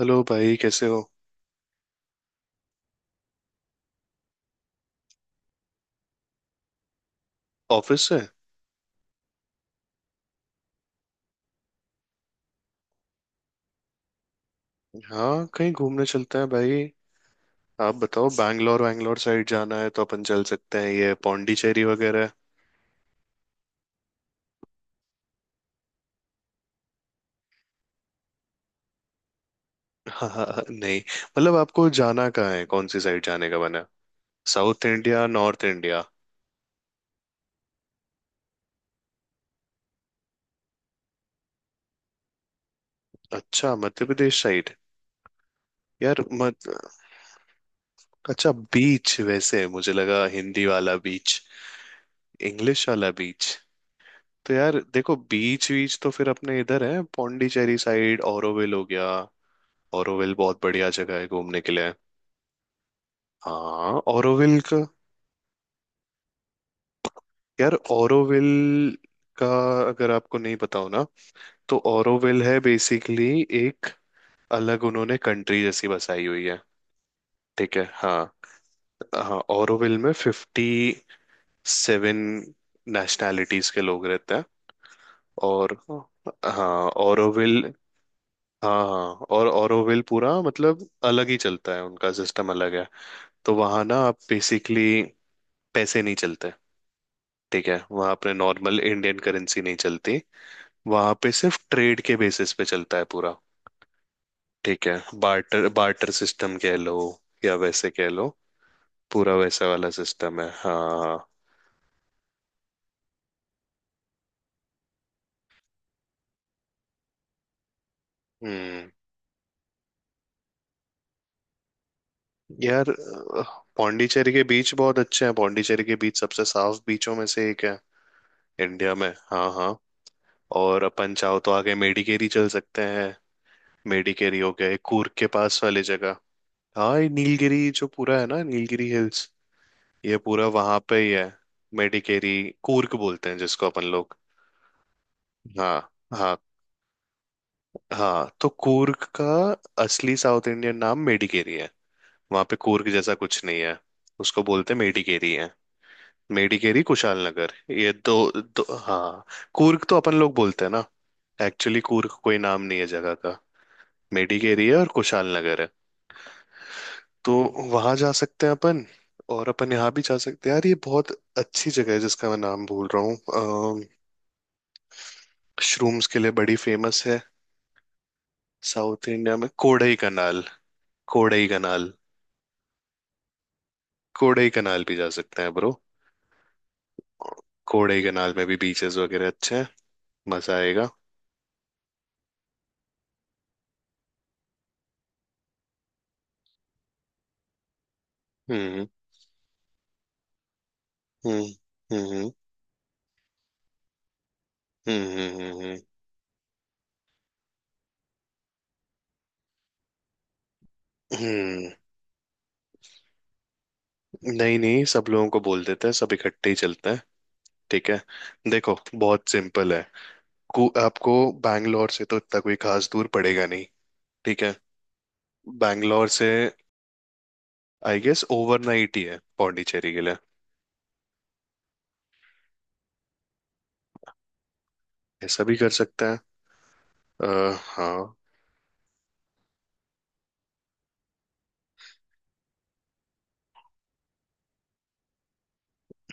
Hello भाई, कैसे हो? ऑफिस से? हाँ, कहीं घूमने चलते हैं भाई। आप बताओ, बैंगलोर वैंगलोर साइड जाना है तो अपन चल सकते हैं, ये पौंडीचेरी वगैरह। हाँ हाँ, हाँ, नहीं मतलब आपको जाना कहाँ है, कौन सी साइड जाने का बना? South India, north India? अच्छा मध्य प्रदेश साइड? यार मत। अच्छा बीच, वैसे मुझे लगा हिंदी वाला बीच, इंग्लिश वाला बीच। तो यार देखो, बीच बीच तो फिर अपने इधर है पौंडीचेरी साइड, ऑरोविल हो गया। ओरोविल बहुत बढ़िया जगह है घूमने के लिए। हाँ ओरोविल का। यार ओरोविल का, अगर आपको नहीं पता हो ना, तो ओरोविल है बेसिकली एक, अलग उन्होंने कंट्री जैसी बसाई हुई है। ठीक है हाँ। हाँ ओरोविल में 57 नेशनैलिटीज के लोग रहते हैं। और हाँ ओरोविल। हाँ हाँ, और ओरोविल पूरा मतलब अलग ही चलता है, उनका सिस्टम अलग है। तो वहां ना आप बेसिकली पैसे नहीं चलते, ठीक है, वहां पे नॉर्मल इंडियन करेंसी नहीं चलती। वहां पे सिर्फ ट्रेड के बेसिस पे चलता है पूरा। ठीक है, बार्टर बार्टर सिस्टम कह लो या वैसे कह लो, पूरा वैसा वाला सिस्टम है हाँ। हम्म। यार, पौंडीचेरी के बीच बहुत अच्छे हैं, पौंडीचेरी के बीच सबसे साफ बीचों में से एक है इंडिया में। हाँ हाँ। और अपन चाहो तो आगे मेडिकेरी चल सकते हैं। मेडिकेरी हो गया ये कूर्ग के पास वाली जगह। हाँ, ये नीलगिरी जो पूरा है ना, नीलगिरी हिल्स, ये पूरा वहां पे ही है। मेडिकेरी कूर्ग बोलते हैं जिसको अपन लोग। हाँ हाँ। हाँ, तो कूर्ग का असली साउथ इंडियन नाम मेडिकेरी है, वहां पे कूर्ग जैसा कुछ नहीं है। उसको बोलते हैं मेडिकेरी है। मेडिकेरी कुशाल नगर। ये दो, दो हाँ। कूर्ग तो अपन लोग बोलते हैं ना, एक्चुअली कूर्ग कोई नाम नहीं है जगह का, मेडिकेरी है और कुशाल नगर है। तो वहां जा सकते हैं अपन। और अपन यहाँ भी जा सकते हैं यार, ये बहुत अच्छी जगह है जिसका मैं नाम भूल रहा हूँ। मशरूम्स के लिए बड़ी फेमस है, साउथ इंडिया में, कोडई कनाल। कोडई कनाल। कोडई कनाल भी जा सकते हैं ब्रो। कोडई कनाल में भी बीचेस वगैरह अच्छे हैं, मजा आएगा। हम्म हम्म हम्म, हम्म हम्म हम्म, हम्म। हम्म। नहीं नहीं, सब लोगों को बोल देते हैं, सब इकट्ठे ही चलते हैं। ठीक है, देखो बहुत सिंपल है। आपको बैंगलोर से तो इतना कोई खास दूर पड़ेगा नहीं। ठीक है, बैंगलोर से आई गेस ओवरनाइट ही है पौंडीचेरी के लिए। ऐसा भी कर सकते हैं। अ, हाँ।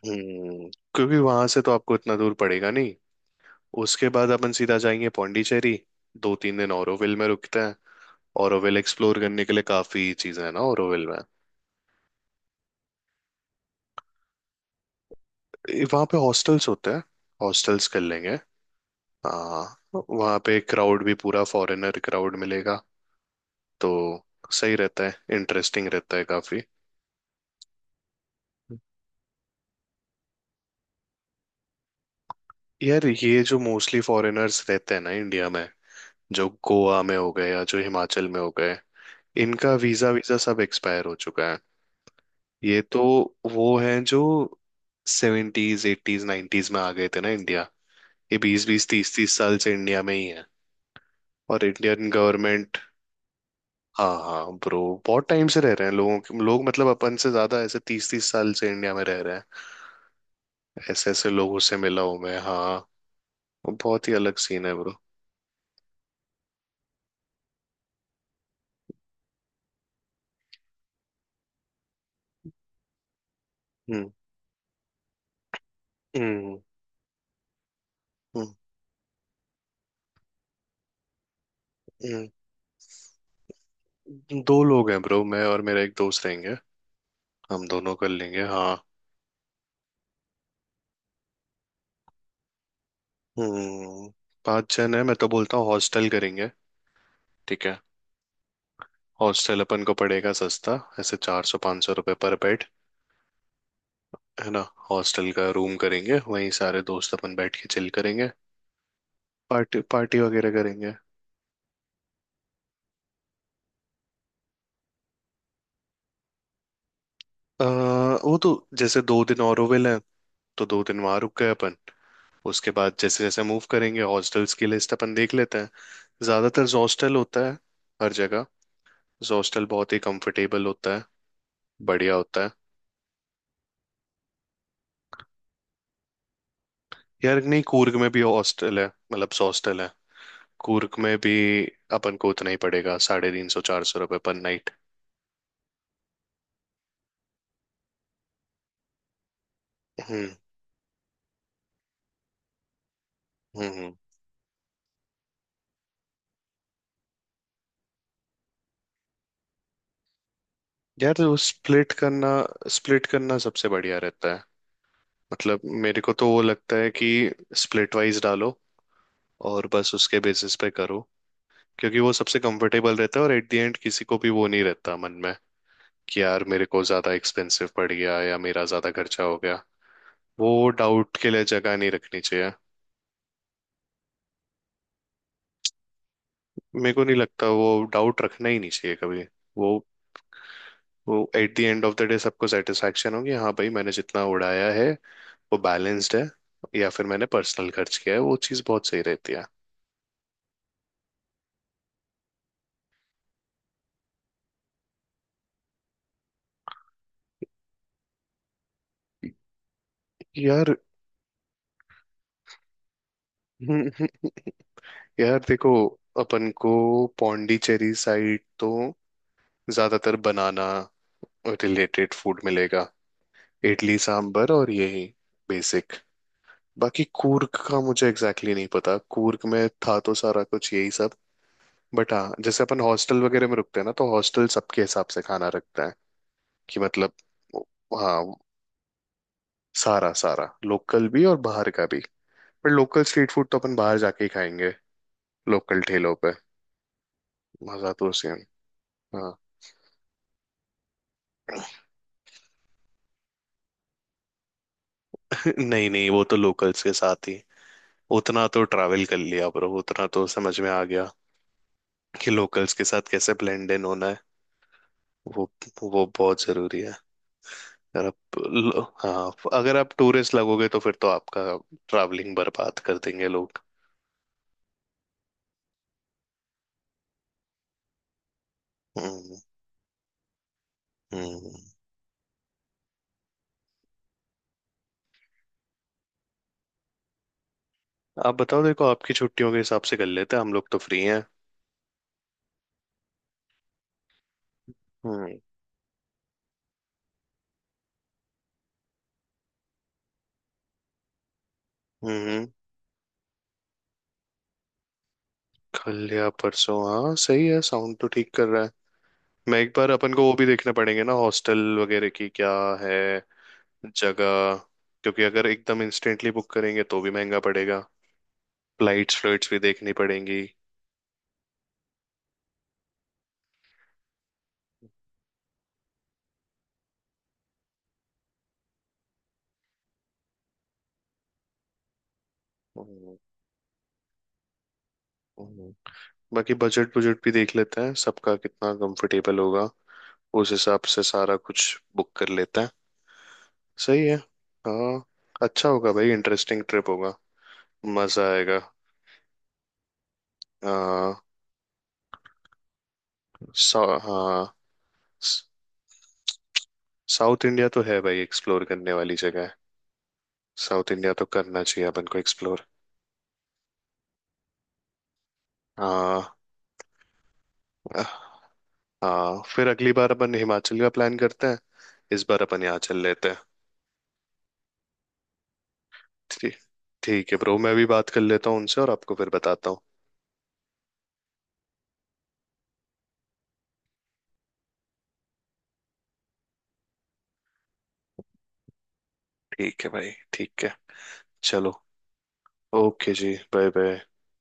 हम्म, क्योंकि वहां से तो आपको इतना दूर पड़ेगा नहीं। उसके बाद अपन सीधा जाएंगे पौंडीचेरी, 2 3 दिन ओरोविल में रुकते हैं। ओरोविल एक्सप्लोर करने के लिए काफी चीजें हैं ना ओरोविल में। वहाँ पे हॉस्टल्स होते हैं, हॉस्टल्स कर लेंगे। हाँ, वहाँ पे क्राउड भी पूरा फॉरेनर क्राउड मिलेगा, तो सही रहता है, इंटरेस्टिंग रहता है काफी। यार, ये जो मोस्टली फॉरेनर्स रहते हैं ना इंडिया में, जो गोवा में हो गए या जो हिमाचल में हो गए, इनका वीजा वीजा सब एक्सपायर हो चुका है। ये तो वो हैं जो 70s 80s 90s में आ गए थे ना इंडिया, ये 20 20 30 30 साल से इंडिया में ही है। और इंडियन गवर्नमेंट। हाँ हाँ ब्रो, बहुत टाइम से रह रहे हैं, लोगों के लोग मतलब अपन से ज्यादा, ऐसे 30 30 साल से इंडिया में रह रहे हैं। ऐसे ऐसे लोगों से मिला हूं मैं हाँ। बहुत ही अलग सीन है ब्रो। हम्म हम्म हम्म, दो लोग हैं ब्रो, मैं और मेरा एक दोस्त रहेंगे, हम दोनों कर लेंगे हाँ। हम्म। पांच जन है, मैं तो बोलता हूँ हॉस्टल करेंगे। ठीक है। हॉस्टल अपन को पड़ेगा सस्ता, ऐसे 400 500 रुपये पर बेड, है ना। हॉस्टल का रूम करेंगे, वहीं सारे दोस्त अपन बैठ के चिल करेंगे, पार्टी पार्टी वगैरह करेंगे। आ, वो तो, जैसे 2 दिन ऑरोविल है तो 2 दिन वहां रुक गए अपन। उसके बाद जैसे जैसे मूव करेंगे, हॉस्टल्स की लिस्ट अपन देख लेते हैं। ज्यादातर हॉस्टल होता है हर जगह, हॉस्टल बहुत ही कंफर्टेबल होता है, बढ़िया होता है। यार नहीं, कूर्ग में भी हॉस्टल है, मतलब हॉस्टल है कूर्ग में भी, अपन को उतना ही पड़ेगा, 350 400 रुपये पर नाइट। हम्म हम्म हम्म। यार, वो स्प्लिट करना सबसे बढ़िया रहता है। मतलब मेरे को तो वो लगता है कि स्प्लिट वाइज डालो और बस उसके बेसिस पे करो, क्योंकि वो सबसे कंफर्टेबल रहता है, और एट द एंड किसी को भी वो नहीं रहता मन में कि यार मेरे को ज्यादा एक्सपेंसिव पड़ गया या मेरा ज्यादा खर्चा हो गया, वो डाउट के लिए जगह नहीं रखनी चाहिए। मेरे को नहीं लगता, वो डाउट रखना ही नहीं चाहिए कभी। वो वो at the end of the day सबको सेटिस्फेक्शन होगी, हाँ भाई मैंने जितना उड़ाया है वो बैलेंस्ड है या फिर मैंने पर्सनल खर्च किया है, वो चीज़ बहुत सही रहती है। यार। यार देखो, अपन को पौंडीचेरी साइड तो ज्यादातर बनाना रिलेटेड फूड मिलेगा, इडली सांभर और यही बेसिक। बाकी कूर्ग का मुझे एग्जैक्टली exactly नहीं पता, कूर्ग में था तो सारा कुछ यही सब। बट हाँ, जैसे अपन हॉस्टल वगैरह में रुकते हैं ना, तो हॉस्टल सबके हिसाब से खाना रखता है, कि मतलब हाँ, सारा सारा लोकल भी और बाहर का भी, पर लोकल स्ट्रीट फूड तो अपन बाहर जाके ही खाएंगे, लोकल ठेलों पे मजा तो उसे। हाँ। नहीं नहीं, वो तो लोकल्स के साथ ही, उतना तो ट्रैवल कर लिया ब्रो, उतना तो समझ में आ गया कि लोकल्स के साथ कैसे ब्लेंड इन होना है। वो वो बहुत जरूरी है। अगर हाँ, अगर आप टूरिस्ट लगोगे तो फिर तो आपका ट्रैवलिंग बर्बाद कर देंगे लोग। हम्म हम्म। आप बताओ, देखो आपकी छुट्टियों के हिसाब से कर लेते हैं, हम लोग तो फ्री हैं। हम्म हम्म। कल या परसों, हाँ सही है, साउंड तो ठीक कर रहा है। मैं एक बार अपन को वो भी देखने पड़ेंगे ना, हॉस्टल वगैरह की क्या है जगह, क्योंकि अगर एकदम इंस्टेंटली बुक करेंगे तो भी महंगा पड़ेगा, फ्लाइट्स फ्लाइट्स भी देखनी पड़ेंगी। हम्म, हम्म। बाकी बजट बजट भी देख लेते हैं सबका कितना कंफर्टेबल होगा, उस हिसाब से सारा कुछ बुक कर लेते हैं, सही है। हाँ, अच्छा होगा भाई, इंटरेस्टिंग ट्रिप होगा, मजा आएगा। हाँ। हाँ, साउथ इंडिया तो है भाई एक्सप्लोर करने वाली जगह है, साउथ इंडिया तो करना चाहिए अपन को एक्सप्लोर। हाँ हाँ, फिर अगली बार अपन हिमाचल का प्लान करते हैं, इस बार अपन यहाँ चल लेते हैं। ठीक, ठीक है ब्रो, मैं भी बात कर लेता हूँ उनसे और आपको फिर बताता हूँ। ठीक है भाई, ठीक है, चलो। ओके जी, बाय बाय।